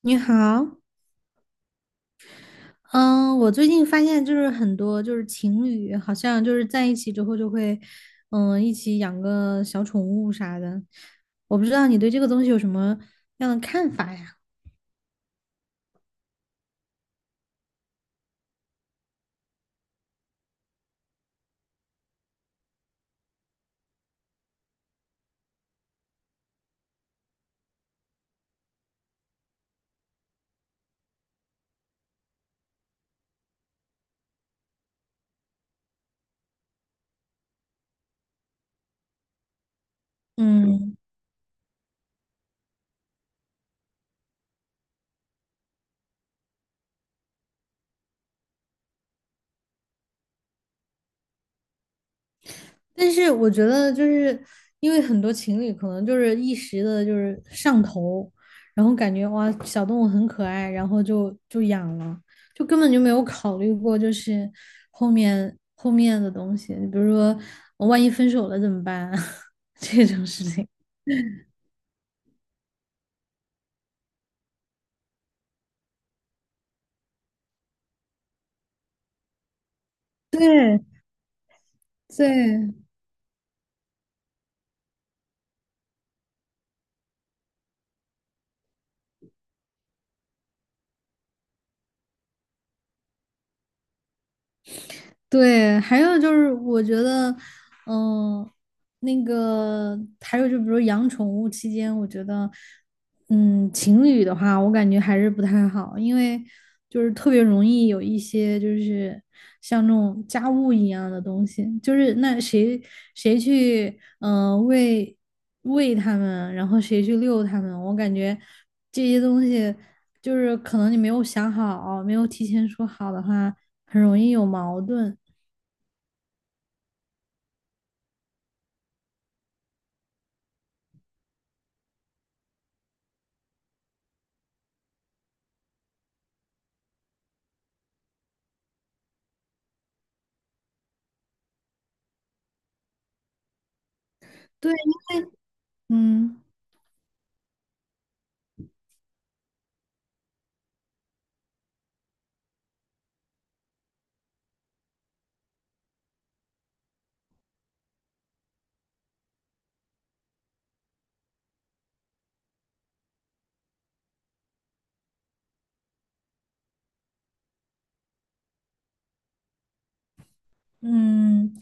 你好，嗯，我最近发现就是很多就是情侣好像就是在一起之后就会，一起养个小宠物啥的。我不知道你对这个东西有什么样的看法呀？嗯，但是我觉得，就是因为很多情侣可能就是一时的，就是上头，然后感觉哇，小动物很可爱，然后就养了，就根本就没有考虑过，就是后面的东西，比如说万一分手了怎么办啊 这种事情。对对，对，还有就是我觉得，嗯、那个还有就比如养宠物期间，我觉得，情侣的话，我感觉还是不太好，因为就是特别容易有一些就是像那种家务一样的东西，就是那谁去，喂它们，然后谁去遛它们，我感觉这些东西就是可能你没有想好，没有提前说好的话，很容易有矛盾。对，嗯嗯，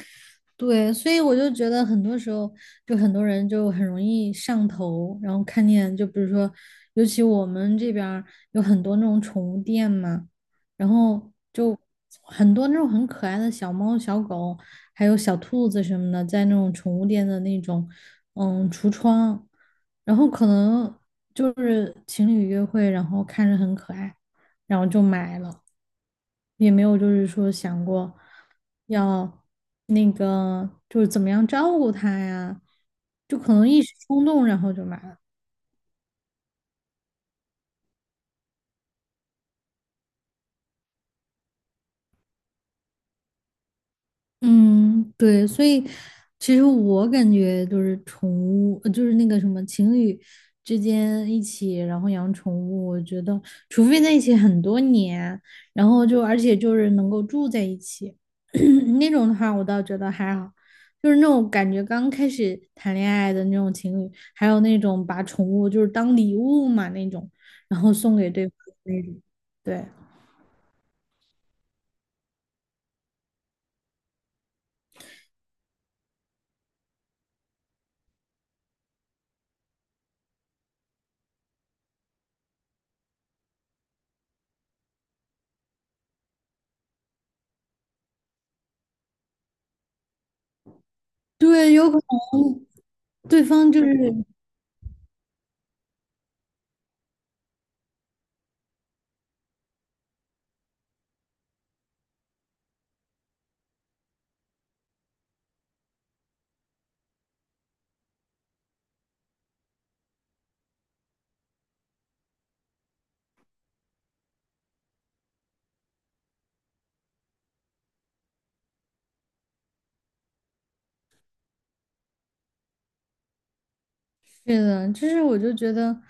对，所以我就觉得很多时候，就很多人就很容易上头，然后看见，就比如说，尤其我们这边儿有很多那种宠物店嘛，然后就很多那种很可爱的小猫、小狗，还有小兔子什么的，在那种宠物店的那种橱窗，然后可能就是情侣约会，然后看着很可爱。然后就买了，也没有就是说想过要那个就是怎么样照顾他呀，就可能一时冲动，然后就买了。嗯，对，所以其实我感觉就是宠物，就是那个什么情侣之间一起，然后养宠物，我觉得除非在一起很多年，然后就而且就是能够住在一起 那种的话，我倒觉得还好。就是那种感觉刚开始谈恋爱的那种情侣，还有那种把宠物就是当礼物嘛那种，然后送给对方的那种，对。对，有可能对方就是是的，就是我就觉得，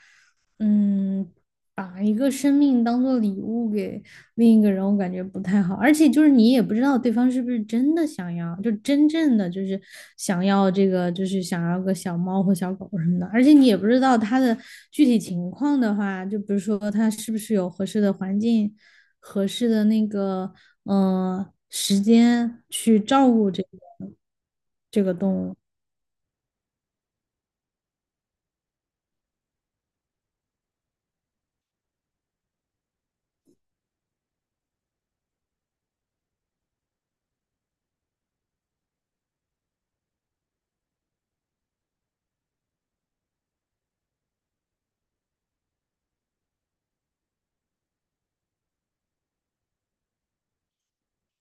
嗯，把一个生命当做礼物给另一个人，我感觉不太好。而且就是你也不知道对方是不是真的想要，就真正的就是想要这个，就是想要个小猫或小狗什么的。而且你也不知道他的具体情况的话，就比如说他是不是有合适的环境、合适的那个时间去照顾这个动物。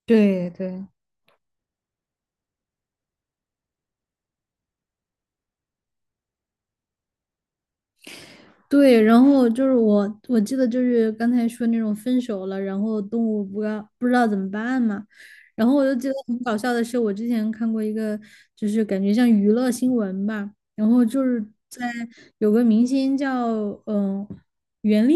对对。对，然后就是我记得就是刚才说那种分手了，然后动物不知道怎么办嘛，然后我就记得很搞笑的是，我之前看过一个，就是感觉像娱乐新闻吧，然后就是在有个明星叫嗯、袁立，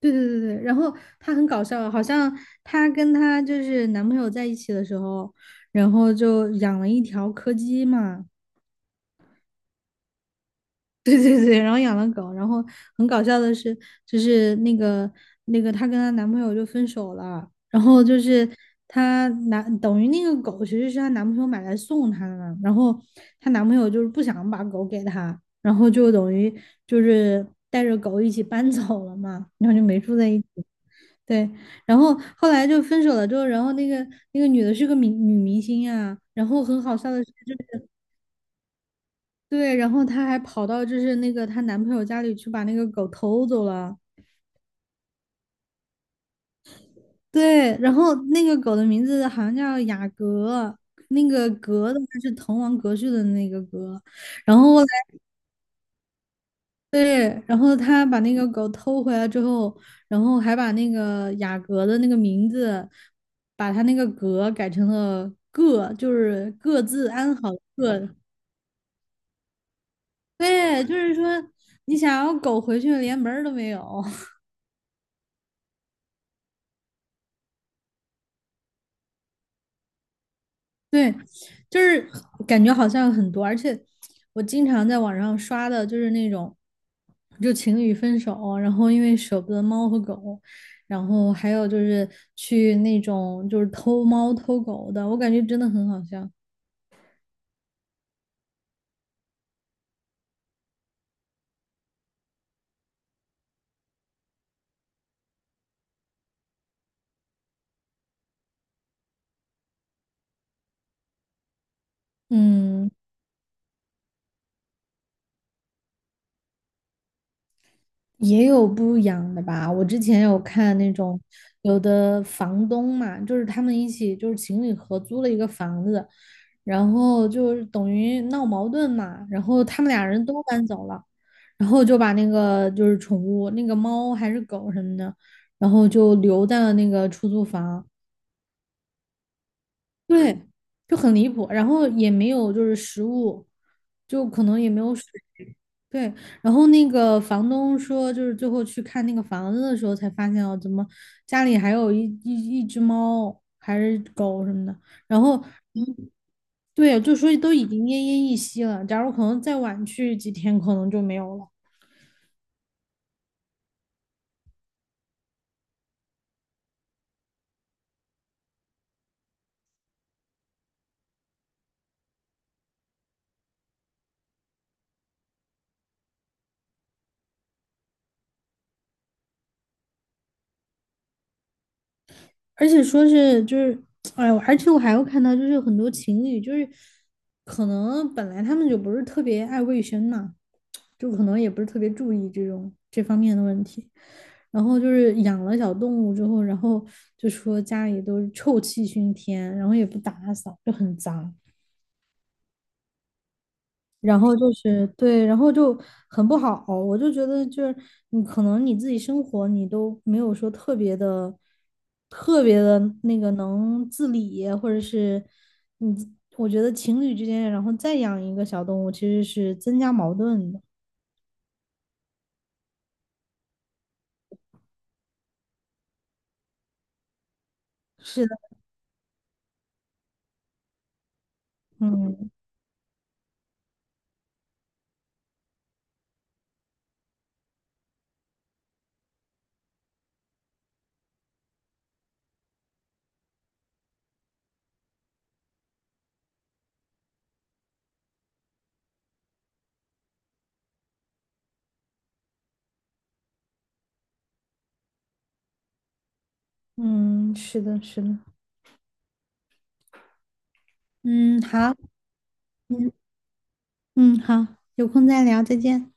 对对对对，然后她很搞笑，好像她跟她就是男朋友在一起的时候，然后就养了一条柯基嘛，对对对，然后养了狗，然后很搞笑的是，就是那个她跟她男朋友就分手了，然后就是等于那个狗其实是她男朋友买来送她的嘛，然后她男朋友就是不想把狗给她，然后就等于就是带着狗一起搬走了嘛，然后就没住在一起。对，然后后来就分手了之后，然后那个女的是个女明星呀，然后很好笑的是，就是对，然后她还跑到就是那个她男朋友家里去把那个狗偷走了。对，然后那个狗的名字好像叫雅阁，那个阁的话是滕王阁序的那个阁。然后后来对，然后她把那个狗偷回来之后，然后还把那个雅阁的那个名字，把她那个阁改成了个，就是各自安好的各。对，就是说你想要狗回去连门儿都没有。对，就是感觉好像很多，而且我经常在网上刷的就是那种，就情侣分手，然后因为舍不得猫和狗，然后还有就是去那种就是偷猫偷狗的，我感觉真的很好笑。嗯，也有不养的吧？我之前有看那种有的房东嘛，就是他们一起就是情侣合租了一个房子，然后就是等于闹矛盾嘛，然后他们俩人都搬走了，然后就把那个就是宠物那个猫还是狗什么的，然后就留在了那个出租房，对，就很离谱，然后也没有就是食物，就可能也没有水对，然后那个房东说，就是最后去看那个房子的时候，才发现哦，怎么家里还有一只猫还是狗什么的。然后，嗯对，就说都已经奄奄一息了。假如可能再晚去几天，可能就没有了。而且说是就是，哎，我而且我还有看到，就是很多情侣，就是可能本来他们就不是特别爱卫生嘛，就可能也不是特别注意这种这方面的问题，然后就是养了小动物之后，然后就说家里都是臭气熏天，然后也不打扫，就很脏。然后就是对，然后就很不好，我就觉得就是你可能你自己生活你都没有说特别的、特别的那个能自理，或者是你自，我觉得情侣之间，然后再养一个小动物其实是增加矛盾的。是的，嗯嗯，是的，是的，嗯，好，嗯嗯，好，有空再聊，再见。